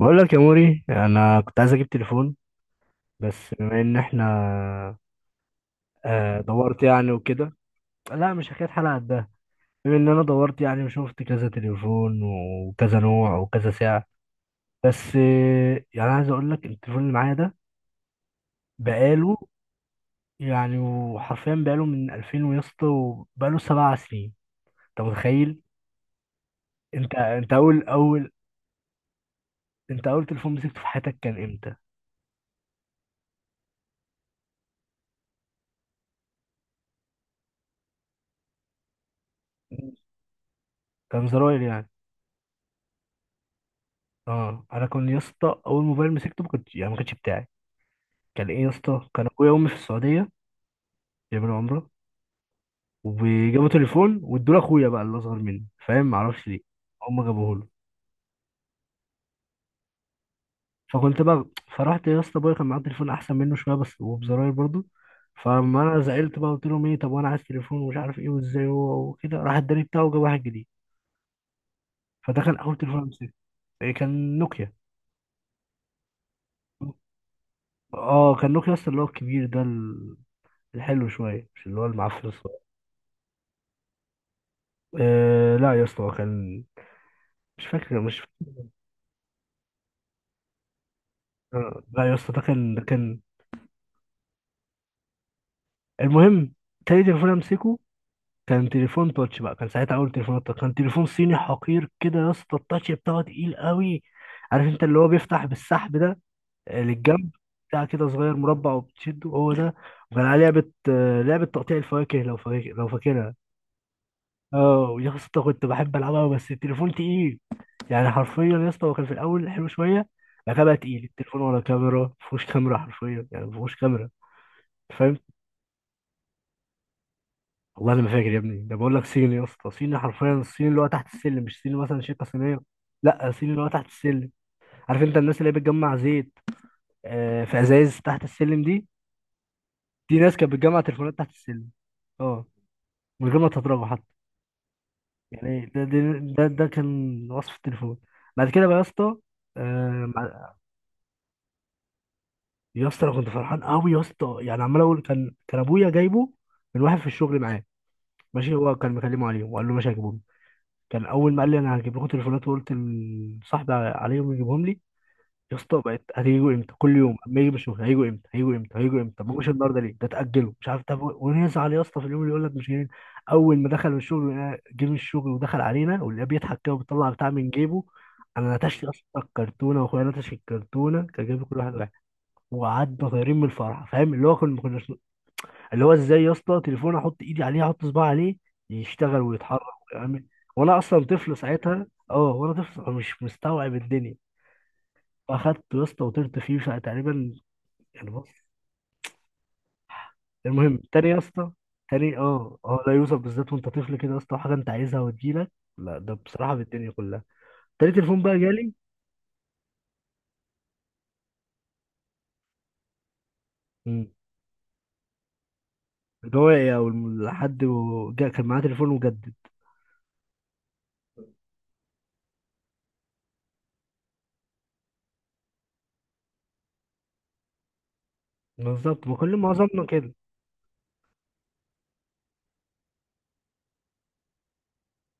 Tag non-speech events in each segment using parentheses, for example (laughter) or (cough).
بقول لك يا موري، انا كنت عايز اجيب تليفون بس بما ان احنا دورت يعني وكده. لا، مش حكايه حلقه قدها، بما ان انا دورت يعني وشفت كذا تليفون وكذا نوع وكذا سعر بس يعني عايز اقول لك التليفون اللي معايا ده بقاله، يعني وحرفيا بقاله من 2000 ويا اسطى وبقاله 7 سنين. انت متخيل؟ انت انت اول اول انت اول تليفون مسكته في حياتك كان امتى؟ كان زراير يعني. اه، انا كنت يا اسطى اول موبايل مسكته ما كنتش، يعني ما كانش بتاعي. كان ايه يا اسطى؟ كان اخويا وامي في السعوديه بيعملوا عمره وجابوا تليفون وادوا لاخويا بقى اللي اصغر مني، فاهم، معرفش ليه هم جابوه له. فكنت بقى، فرحت يا اسطى، ابويا كان معاه تليفون احسن منه شويه بس وبزراير برضه. فلما انا زعلت بقى قلت لهم ايه، طب وانا عايز تليفون ومش عارف ايه وازاي، هو وكده راح اداني بتاعه وجاب واحد جديد. فده كان اول تليفون امسكه. إيه، كان نوكيا. اه، كان نوكيا، اصلا اللي هو الكبير ده، الحلو شويه، مش اللي هو المعفن الصغير. آه لا يا اسطى، هو كان، مش فاكر. مش آه، لا يا اسطى، ده كان ده كان المهم. تاني تليفون امسكه كان تليفون تاتش بقى، كان ساعتها اول تليفون تاتش، كان تليفون صيني حقير كده يا اسطى، التاتش بتاعه تقيل قوي. عارف انت اللي هو بيفتح بالسحب ده، للجنب، بتاع كده صغير مربع وبتشده، هو ده. وكان عليه لعبه، لعبه تقطيع الفواكه، لو فاكرها. اه يا اسطى كنت بحب العبها أوي، بس التليفون تقيل، يعني حرفيا يا اسطى هو كان في الاول حلو شويه، بعد كده بقى تقيل التليفون، ولا كاميرا، مفيهوش كاميرا حرفيا يعني مفيهوش كاميرا. فاهم. والله انا ما فاكر يا ابني، ده بقول لك صيني يا اسطى، صيني حرفيا، الصيني اللي هو تحت السلم، مش صيني مثلا شركه صينيه. لا، صيني اللي هو تحت السلم. عارف انت الناس اللي هي بتجمع زيت، في ازايز تحت السلم دي، دي ناس كانت بتجمع تليفونات تحت السلم، اه، من غير ما تضربه حتى. يعني ده ده ده كان وصف التليفون. بعد كده بقى يا اسطى، آه، مع- يا اسطى انا كنت فرحان قوي يا اسطى، يعني عمال اقول كان ابويا جايبه من واحد في الشغل معاه، ماشي، هو كان مكلمه عليه وقال له ماشي هجيبه. كان اول ما قال لي انا هجيب لكم تليفونات وقلت لصاحبي عليهم يجيبهم لي يا اسطى. بقت هتيجوا امتى؟ كل يوم اما يجي بشوف هيجوا امتى، هيجوا امتى، هيجوا امتى؟ طب ما جوش النهارده ليه، ده اتاجلوا مش عارف، طب ونزعل يا اسطى في اليوم اللي يقول لك مش جايين. اول ما دخل الشغل جه من الشغل ودخل علينا ولقاه بيضحك كده وبيطلع بتاع من جيبه. انا نتشت اصلا الكرتونه واخويا نتش الكرتونه، كان جايب كل واحد واحد. وقعدنا طايرين من الفرحه، فاهم، اللي هو كنا ما كناش، اللي هو ازاي يا اسطى تليفون احط ايدي عليه، احط صباعي عليه يشتغل ويتحرك ويعمل، وانا اصلا طفل ساعتها، اه، وانا طفل فمش مستوعب الدنيا. فاخدته يا اسطى وطرت فيه ساعة تقريبا، يعني بص، المهم. تاني يا اسطى، تاني، اه، اه، لا يوسف، بالذات وانت طفل كده يا اسطى، حاجه انت عايزها وتجيلك، لا ده بصراحه بالدنيا كلها. تاني تليفون بقى جالي. مم. اللي هو ايه، او كان معاه تليفون وجدد. بالظبط، ما كل معظمنا كده.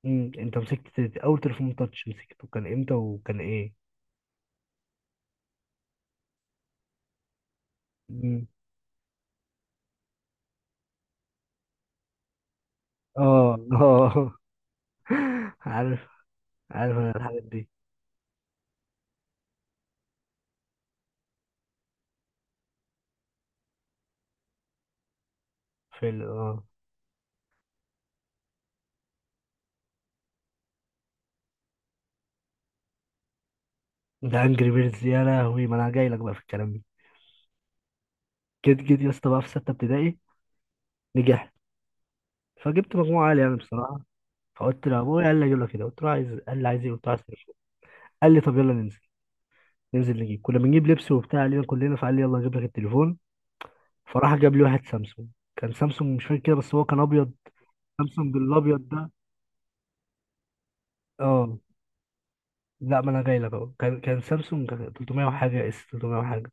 مم. انت مسكت اول تليفون تاتش مسكته كان امتى وكان ايه؟ اه، اه. (laughs) عارف، عارف انا الحاجات دي. في ال- اه ده انجري بيردز يا لهوي، ما انا جاي لك بقى في الكلام ده. جيت يا اسطى بقى في سته ابتدائي، نجحت، فجبت مجموعه عاليه يعني بصراحه. فقلت لابويا، قال لي اجيب لك كده، قلت له عايز، قال لي عايز ايه، قلت له عايز تليفون. قال لي طب يلا ننزل، ننزل نجيب، كنا بنجيب لبس وبتاع علينا كلنا، فقال لي يلا اجيب لك التليفون. فراح جاب لي واحد سامسونج، كان سامسونج مش فاكر كده بس هو كان ابيض، سامسونج الابيض ده. اه، لا ما انا جاي لك اهو، كان سامسونج 300 وحاجه، اس 300 وحاجه،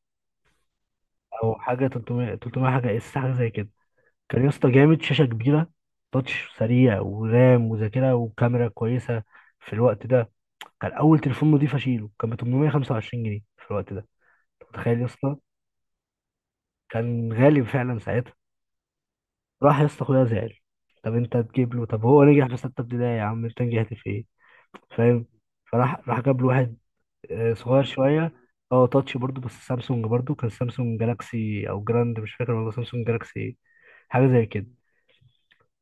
او حاجه 300 300 حاجه، اس حاجه زي كده. كان يا اسطى جامد، شاشه كبيره، تاتش سريع، ورام وذاكره وكاميرا كويسه في الوقت ده. كان اول تليفون نضيف اشيله، كان ب 825 جنيه في الوقت ده. أنت متخيل يا اسطى؟ كان غالي فعلا ساعتها. راح يا اسطى اخويا زعل، طب انت تجيب له، طب هو نجح في سته ابتدائي، يا عم انت نجحت في ايه؟ فاهم. فراح جاب له واحد صغير شويه، اه تاتش برضو بس سامسونج برضو، كان سامسونج جالاكسي او جراند مش فاكر، والله سامسونج جالاكسي ايه، حاجه زي كده،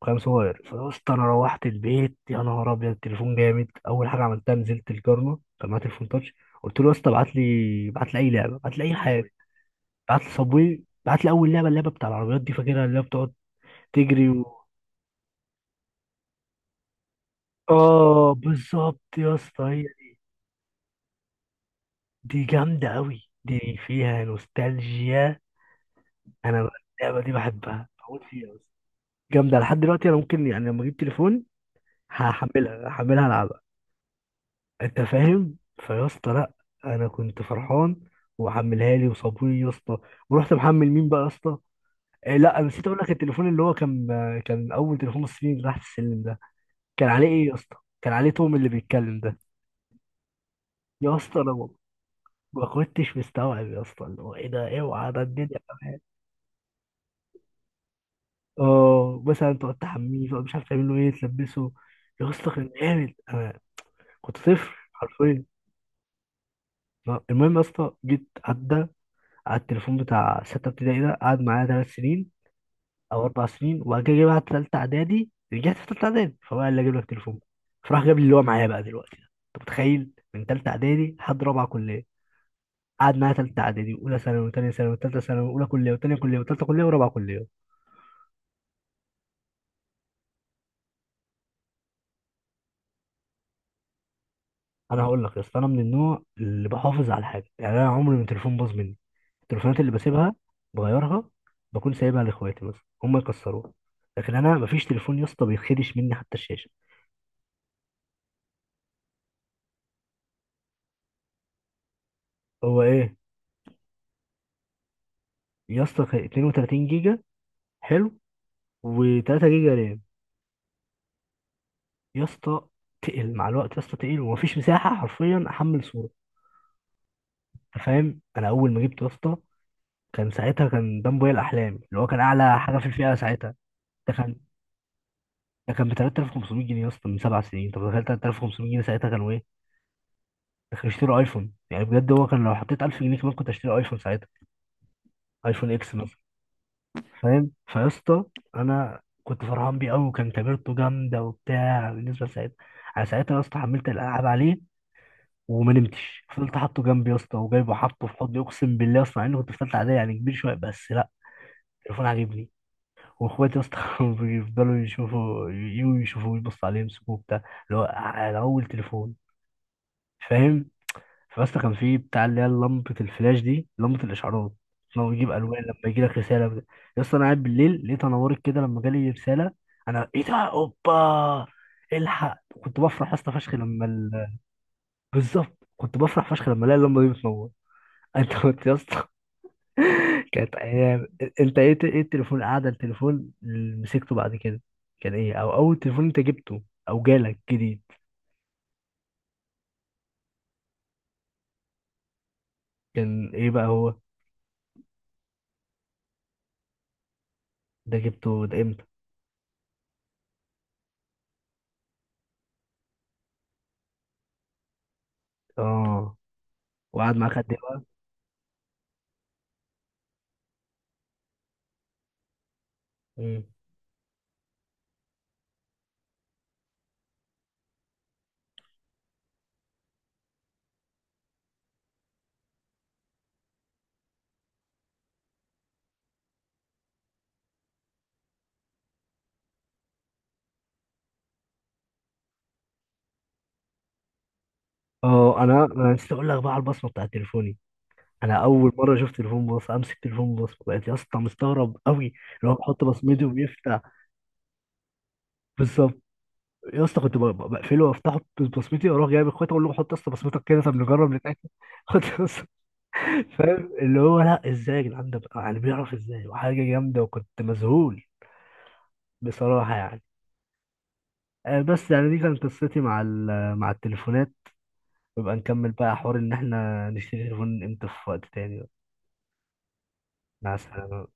كان صغير. فقلت انا، روحت البيت يا نهار ابيض، التليفون جامد، اول حاجه عملتها نزلت الجارنا كان معاه تليفون تاتش، قلت له يا اسطى ابعت لي اي لعبه، ابعت لي اي حاجه، ابعت لي صابوي، ابعت لي اول لعبه، اللعبه بتاع العربيات دي فاكرها، اللي هي بتقعد تجري اه بالظبط يا اسطى هي، دي جامده قوي، دي فيها نوستالجيا. انا بقى، اللعبه دي بحبها، بموت فيها يا اسطى، جامده لحد دلوقتي، انا ممكن يعني لما اجيب تليفون هحملها العبها. انت فاهم فيا اسطى، لا، انا كنت فرحان. وحملها لي وصابوني يا اسطى، ورحت محمل مين بقى يا اسطى؟ إيه، لا انا نسيت اقول لك، التليفون اللي هو كان، كان اول تليفون مصري، اللي تحت السلم ده كان عليه ايه يا اسطى؟ كان عليه توم اللي بيتكلم ده. يا اسطى انا ما، ما كنتش مستوعب يا اسطى، اللي هو ايه ده، اوعى ده الدنيا كمان. اه، مثلا تقعد تحميه، تقعد مش عارف تعمل له ايه، تلبسه، يا اسطى كان جامد، انا كنت طفل حرفيا. المهم يا اسطى، جيت عدى على التليفون بتاع ستة ابتدائي ده، قعد معايا 3 سنين أو 4 سنين، وبعد كده جه بقى تالتة إعدادي، رجعت في تالتة إعدادي فبقى اللي أجيب لك تليفون، فراح جاب لي اللي هو معايا بقى دلوقتي ده. أنت متخيل من تالتة إعدادي لحد رابعة كلية؟ قعد معايا تالتة إعدادي وأولى ثانوي وتانية ثانوي وتالتة ثانوي وأولى كلية وتانية كلية وتالتة كلية ورابعة كلية. أنا هقول لك يا أسطى، أنا من النوع اللي بحافظ على حاجة، يعني أنا عمري ما التليفون باظ مني، التليفونات اللي بسيبها بغيرها بكون سايبها لاخواتي مثلا هم يكسروها، لكن انا مفيش تليفون يا اسطى بيتخدش مني حتى الشاشه. هو ايه، يا اسطى كان 32 جيجا، حلو، و3 جيجا رام. يا اسطى تقل مع الوقت يا اسطى، تقل ومفيش مساحه حرفيا احمل صوره. انت فاهم، انا اول ما جبته يا اسطى كان ساعتها، كان ده موبايل احلامي اللي هو كان اعلى حاجه في الفئه ساعتها. ده كان ده كان ب 3500 جنيه يا اسطى من 7 سنين، طب تخيل 3500 جنيه ساعتها كانوا ايه؟ ده كانوا يشتروا ايفون يعني، بجد هو كان لو حطيت 1000 جنيه كمان كنت اشتري ايفون ساعتها، ايفون اكس مثلا. فاهم فيا اسطى، انا كنت فرحان بيه قوي، وكان كاميرته جامده وبتاع بالنسبه لساعتها. انا ساعتها يا اسطى حملت الالعاب عليه وما نمتش، فضلت حاطه جنبي يا اسطى وجايبه حاطه في حضني، اقسم بالله اصلا اني كنت في ثالثه اعدادي يعني كبير شويه، بس لا، التليفون عاجبني. واخواتي يا اسطى (laughs) كانوا بيفضلوا يشوفوا، يجوا يشوفوه يبصوا عليه يمسكوه، بتاع اللي هو على اول تليفون، فاهم. فبس كان في بتاع اللي هي لمبة الفلاش دي، لمبة الإشعارات، لو يجيب ألوان لما يجي لك رسالة بجد. يا اسطى أنا قاعد بالليل لقيتها نورت كده لما جالي رسالة، أنا إيه ده أوبا، الحق. كنت بفرح يا اسطى فشخ لما بالظبط، كنت بفرح فشخ لما الاقي اللمبة دي بتنور. (laughs) أنت كنت يا اسطى، (laughs) كانت أيام. أنت إيه التليفون، التليفون اللي مسكته بعد كده كان إيه؟ أو أول تليفون أنت جبته أو جالك جديد، كان إيه بقى هو؟ ده جبته ده إمتى؟ آه، وقعد معاك قد إيه؟ مم. اه انا لسه اقول لك بقى على البصمه بتاعت تليفوني، انا اول مره شفت تليفون باص امسك تليفون باص، بقيت يا اسطى مستغرب قوي، لو بحط بصمتي وبيفتح. بالظبط يا اسطى، كنت بقفله وافتحه ببصمتي، واروح جايب اخواتي اقول لهم حط يا اسطى بصمتك كده، طب نجرب نتاكد، (laughs) حط يا اسطى. فاهم اللي هو لا ازاي يا جدعان ده يعني بيعرف ازاي، وحاجه جامده، وكنت مذهول بصراحه يعني. بس يعني دي كانت قصتي مع مع التليفونات. نبقى نكمل بقى حوار ان احنا نشتري تليفون امتى في وقت تاني بقى. مع السلامه